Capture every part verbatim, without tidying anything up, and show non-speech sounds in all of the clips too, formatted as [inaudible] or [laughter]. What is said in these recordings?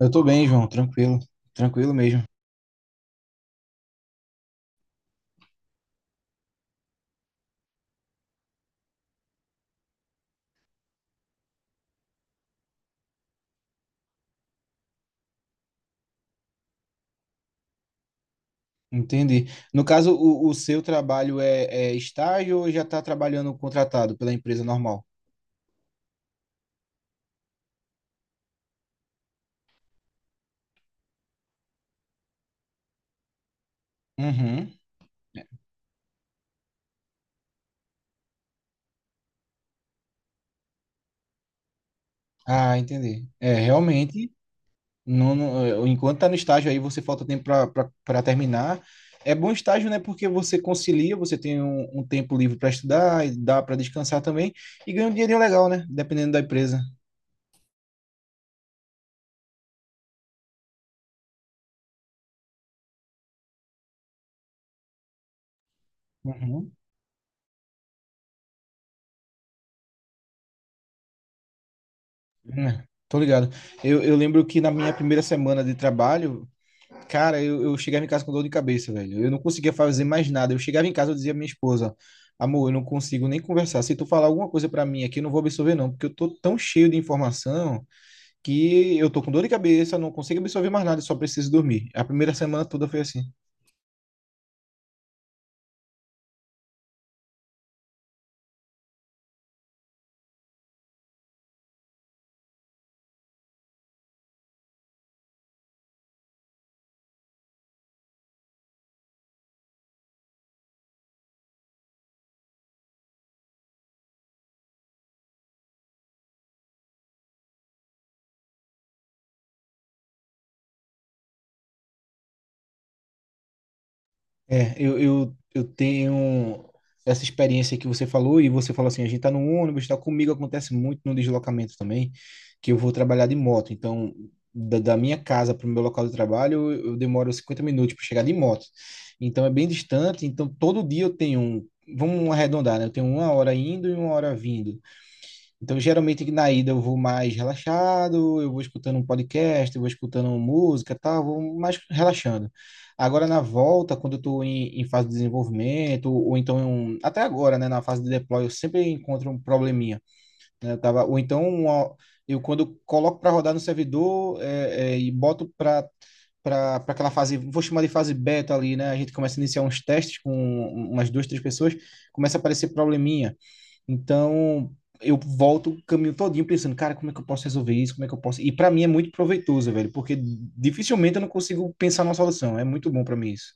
Eu tô bem, João, tranquilo, tranquilo mesmo. Entendi. No caso, o, o seu trabalho é, é estágio ou já está trabalhando contratado pela empresa normal? Uhum. Ah, entendi. É, realmente, não, não- eh, enquanto tá no estágio aí, você falta tempo para terminar. É bom estágio, né? Porque você concilia, você tem um, um tempo livre para estudar, e dá para descansar também, e ganha um dinheirinho legal, né? Dependendo da empresa. Uhum. É, tô ligado. Eu, eu lembro que na minha primeira semana de trabalho. Cara, eu, eu chegava em casa com dor de cabeça, velho. Eu não conseguia fazer mais nada. Eu chegava em casa, eu dizia à minha esposa, amor, eu não consigo nem conversar. Se tu falar alguma coisa pra mim aqui, eu não vou absorver, não, porque eu tô tão cheio de informação que eu tô com dor de cabeça, não consigo absorver mais nada, eu só preciso dormir. A primeira semana toda foi assim. É, eu, eu, eu tenho essa experiência que você falou, e você falou assim, a gente tá no ônibus, tá comigo, acontece muito no deslocamento também, que eu vou trabalhar de moto. Então, da, da minha casa para o meu local de trabalho, eu, eu demoro cinquenta minutos para chegar de moto, então é bem distante. Então todo dia eu tenho, um- vamos arredondar, né? Eu tenho uma hora indo e uma hora vindo. Então, geralmente na ida eu vou mais relaxado, eu vou escutando um podcast, eu vou escutando música, tá, vou mais relaxando. Agora na volta, quando eu estou em, em, fase de desenvolvimento, ou então em um- até agora, né, na fase de deploy, eu sempre encontro um probleminha, né? Eu tava, ou então uma- eu, quando coloco para rodar no servidor é, é, e boto para para aquela fase, vou chamar de fase beta ali, né? A gente começa a iniciar uns testes com umas duas, três pessoas, começa a aparecer probleminha. Então, eu volto o caminho todinho pensando, cara, como é que eu posso resolver isso? Como é que eu posso? E para mim é muito proveitoso, velho, porque dificilmente eu não consigo pensar numa solução. É muito bom para mim isso,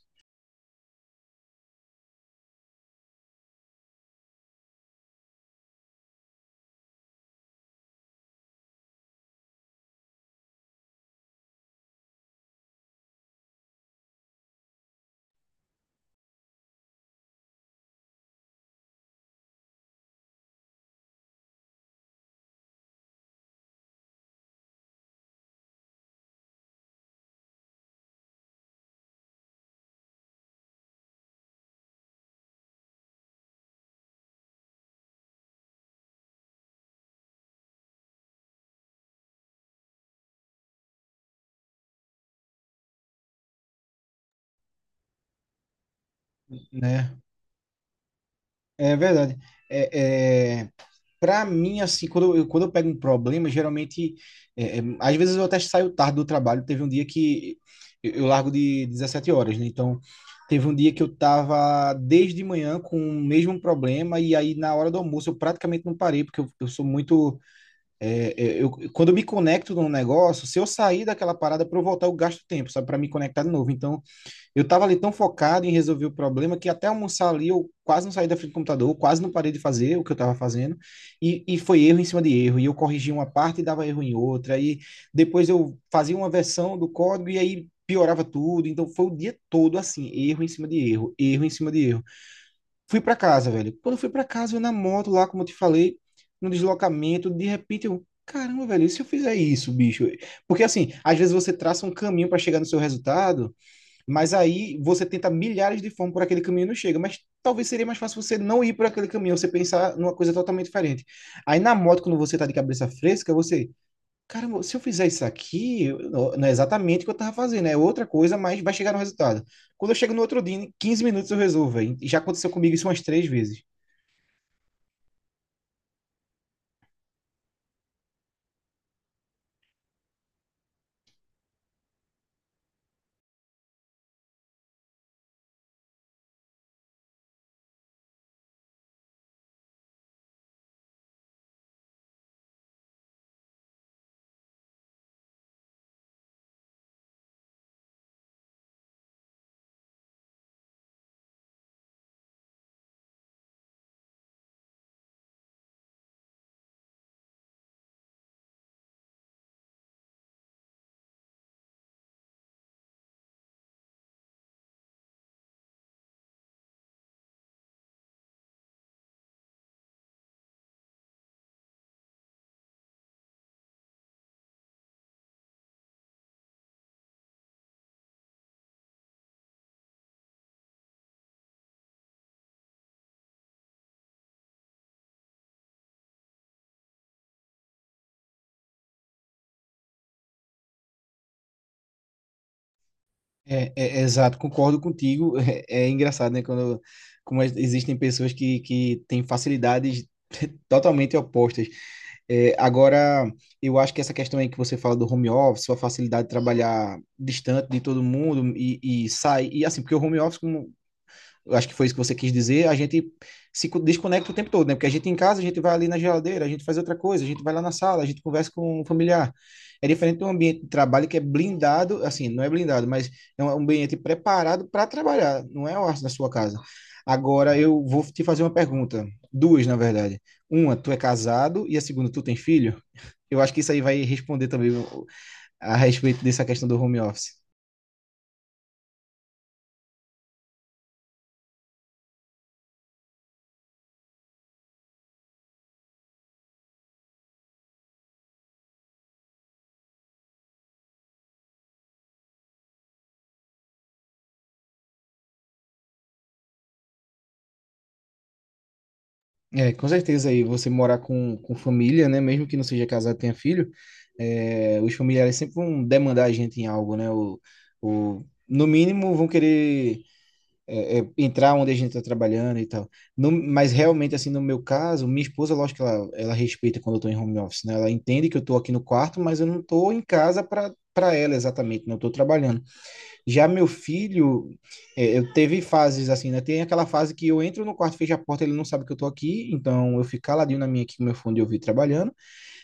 né? É verdade. É, é... Para mim, assim, quando eu, quando eu pego um problema, geralmente é, é, às vezes eu até saio tarde do trabalho. Teve um dia que eu, eu largo de dezessete horas, né? Então, teve um dia que eu tava desde manhã com o mesmo problema, e aí na hora do almoço eu praticamente não parei, porque eu, eu sou muito. É, eu, eu- quando eu me conecto num negócio, se eu sair daquela parada para eu voltar, eu gasto tempo, sabe, para me conectar de novo. Então, eu tava ali tão focado em resolver o problema que até almoçar ali eu quase não saí da frente do computador, quase não parei de fazer o que eu tava fazendo, e, e foi erro em cima de erro. E eu corrigia uma parte e dava erro em outra, e depois eu fazia uma versão do código e aí piorava tudo. Então, foi o dia todo assim, erro em cima de erro, erro em cima de erro. Fui pra casa, velho. Quando eu fui pra casa, eu na moto lá, como eu te falei, no deslocamento, de repente eu, caramba, velho, e se eu fizer isso, bicho? Porque assim, às vezes você traça um caminho para chegar no seu resultado, mas aí você tenta milhares de formas por aquele caminho e não chega. Mas talvez seria mais fácil você não ir por aquele caminho, você pensar numa coisa totalmente diferente. Aí na moto, quando você tá de cabeça fresca, você. Caramba, se eu fizer isso aqui, eu- não é exatamente o que eu tava fazendo, é outra coisa, mas vai chegar no resultado. Quando eu chego no outro dia, em quinze minutos eu resolvo, véi. E já aconteceu comigo isso umas três vezes. É, é- é exato, concordo contigo. [laughs] É, é engraçado, né? Quando, como as- existem pessoas que, que têm facilidades [laughs] totalmente opostas. É, agora, eu acho que essa questão aí que você fala do home office, sua facilidade de trabalhar distante de todo mundo e, e sai. E assim, porque o home office, como eu acho que foi isso que você quis dizer, a gente se co- desconecta o tempo todo, né? Porque a gente em casa, a gente vai ali na geladeira, a gente faz outra coisa, a gente vai lá na sala, a gente conversa com o familiar. É diferente de um ambiente de trabalho que é blindado, assim, não é blindado, mas é um um ambiente preparado para trabalhar, não é na sua casa. Agora eu vou te fazer uma pergunta, duas na verdade. Uma, tu é casado? E a segunda, tu tem filho? Eu acho que isso aí vai responder também a respeito dessa questão do home office. É, com certeza, aí você morar com, com família, né? Mesmo que não seja casado, tenha filho, é, os familiares sempre vão demandar a gente em algo, né? O, o, no mínimo vão querer é, é, entrar onde a gente está trabalhando e tal. No, mas realmente, assim, no meu caso, minha esposa, lógico que ela, ela respeita quando eu estou em home office, né? Ela entende que eu estou aqui no quarto, mas eu não estou em casa para para ela exatamente, não estou trabalhando. Já meu filho, é, eu teve fases assim, né? Tem aquela fase que eu entro no quarto, fecho a porta, ele não sabe que eu tô aqui, então eu fico caladinho na minha aqui com meu fone de ouvido trabalhando.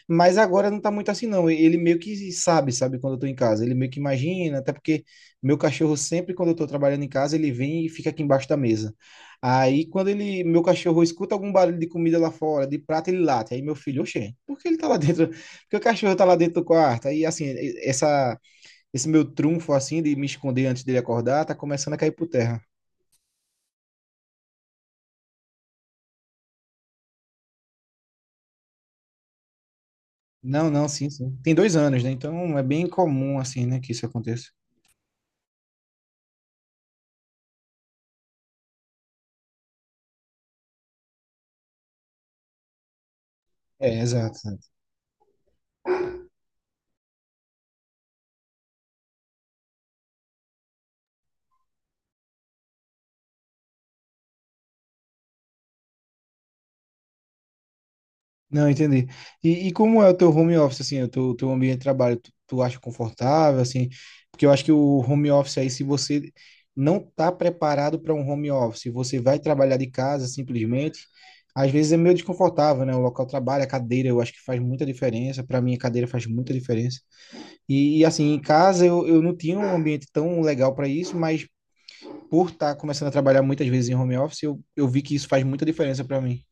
Mas agora não tá muito assim, não. Ele meio que sabe, sabe, quando eu tô em casa. Ele meio que imagina, até porque meu cachorro sempre, quando eu tô trabalhando em casa, ele vem e fica aqui embaixo da mesa. Aí, quando ele, meu cachorro escuta algum barulho de comida lá fora, de prato, ele late. Aí, meu filho, oxê, por que ele tá lá dentro? Por que o cachorro tá lá dentro do quarto? Aí, assim, essa esse meu trunfo assim de me esconder antes dele acordar tá começando a cair por terra. Não, não, sim, sim. Tem dois anos, né? Então é bem comum assim, né, que isso aconteça. É, exato. Exato. Não, entendi. E, e como é o teu home office, assim, o teu, teu ambiente de trabalho? Tu, tu acha confortável, assim? Porque eu acho que o home office aí, se você não tá preparado para um home office, você vai trabalhar de casa simplesmente, às vezes é meio desconfortável, né? O local de trabalho, a cadeira, eu acho que faz muita diferença. Para mim, a cadeira faz muita diferença. E, e, assim, em casa eu, eu não tinha um ambiente tão legal para isso, mas por estar começando a trabalhar muitas vezes em home office, eu, eu vi que isso faz muita diferença para mim.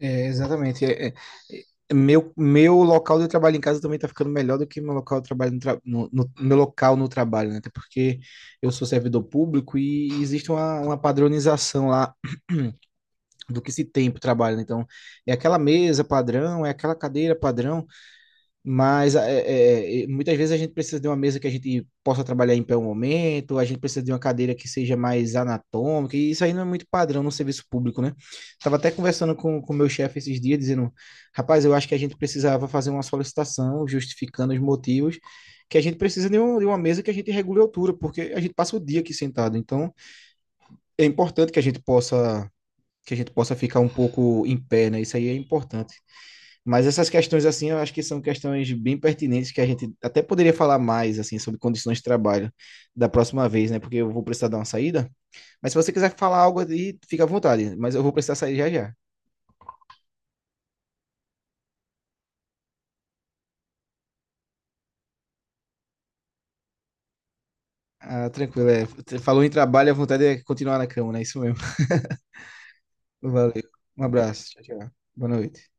É, exatamente. É, é, é, meu, meu local de trabalho em casa também está ficando melhor do que meu local de trabalho no, tra- no, no- meu local no trabalho, né? Até porque eu sou servidor público e existe uma, uma padronização lá do que se tem para o trabalho, né? Então, é aquela mesa padrão, é aquela cadeira padrão. Mas é, é, é, muitas vezes a gente precisa de uma mesa que a gente possa trabalhar em pé um momento, a gente precisa de uma cadeira que seja mais anatômica, e isso aí não é muito padrão no serviço público, né? Estava até conversando com o meu chefe esses dias, dizendo: rapaz, eu acho que a gente precisava fazer uma solicitação justificando os motivos, que a gente precisa de, um- de uma mesa que a gente regule a altura, porque a gente passa o dia aqui sentado. Então é importante que a gente possa, que a gente possa ficar um pouco em pé, né? Isso aí é importante. Mas essas questões, assim, eu acho que são questões bem pertinentes que a gente até poderia falar mais, assim, sobre condições de trabalho da próxima vez, né? Porque eu vou precisar dar uma saída. Mas se você quiser falar algo aí, fica à vontade. Mas eu vou precisar sair já já. Ah, tranquilo. É. Falou em trabalho, a vontade é continuar na cama, né? Isso mesmo. [laughs] Valeu. Um abraço. Tchau, tchau. Boa noite.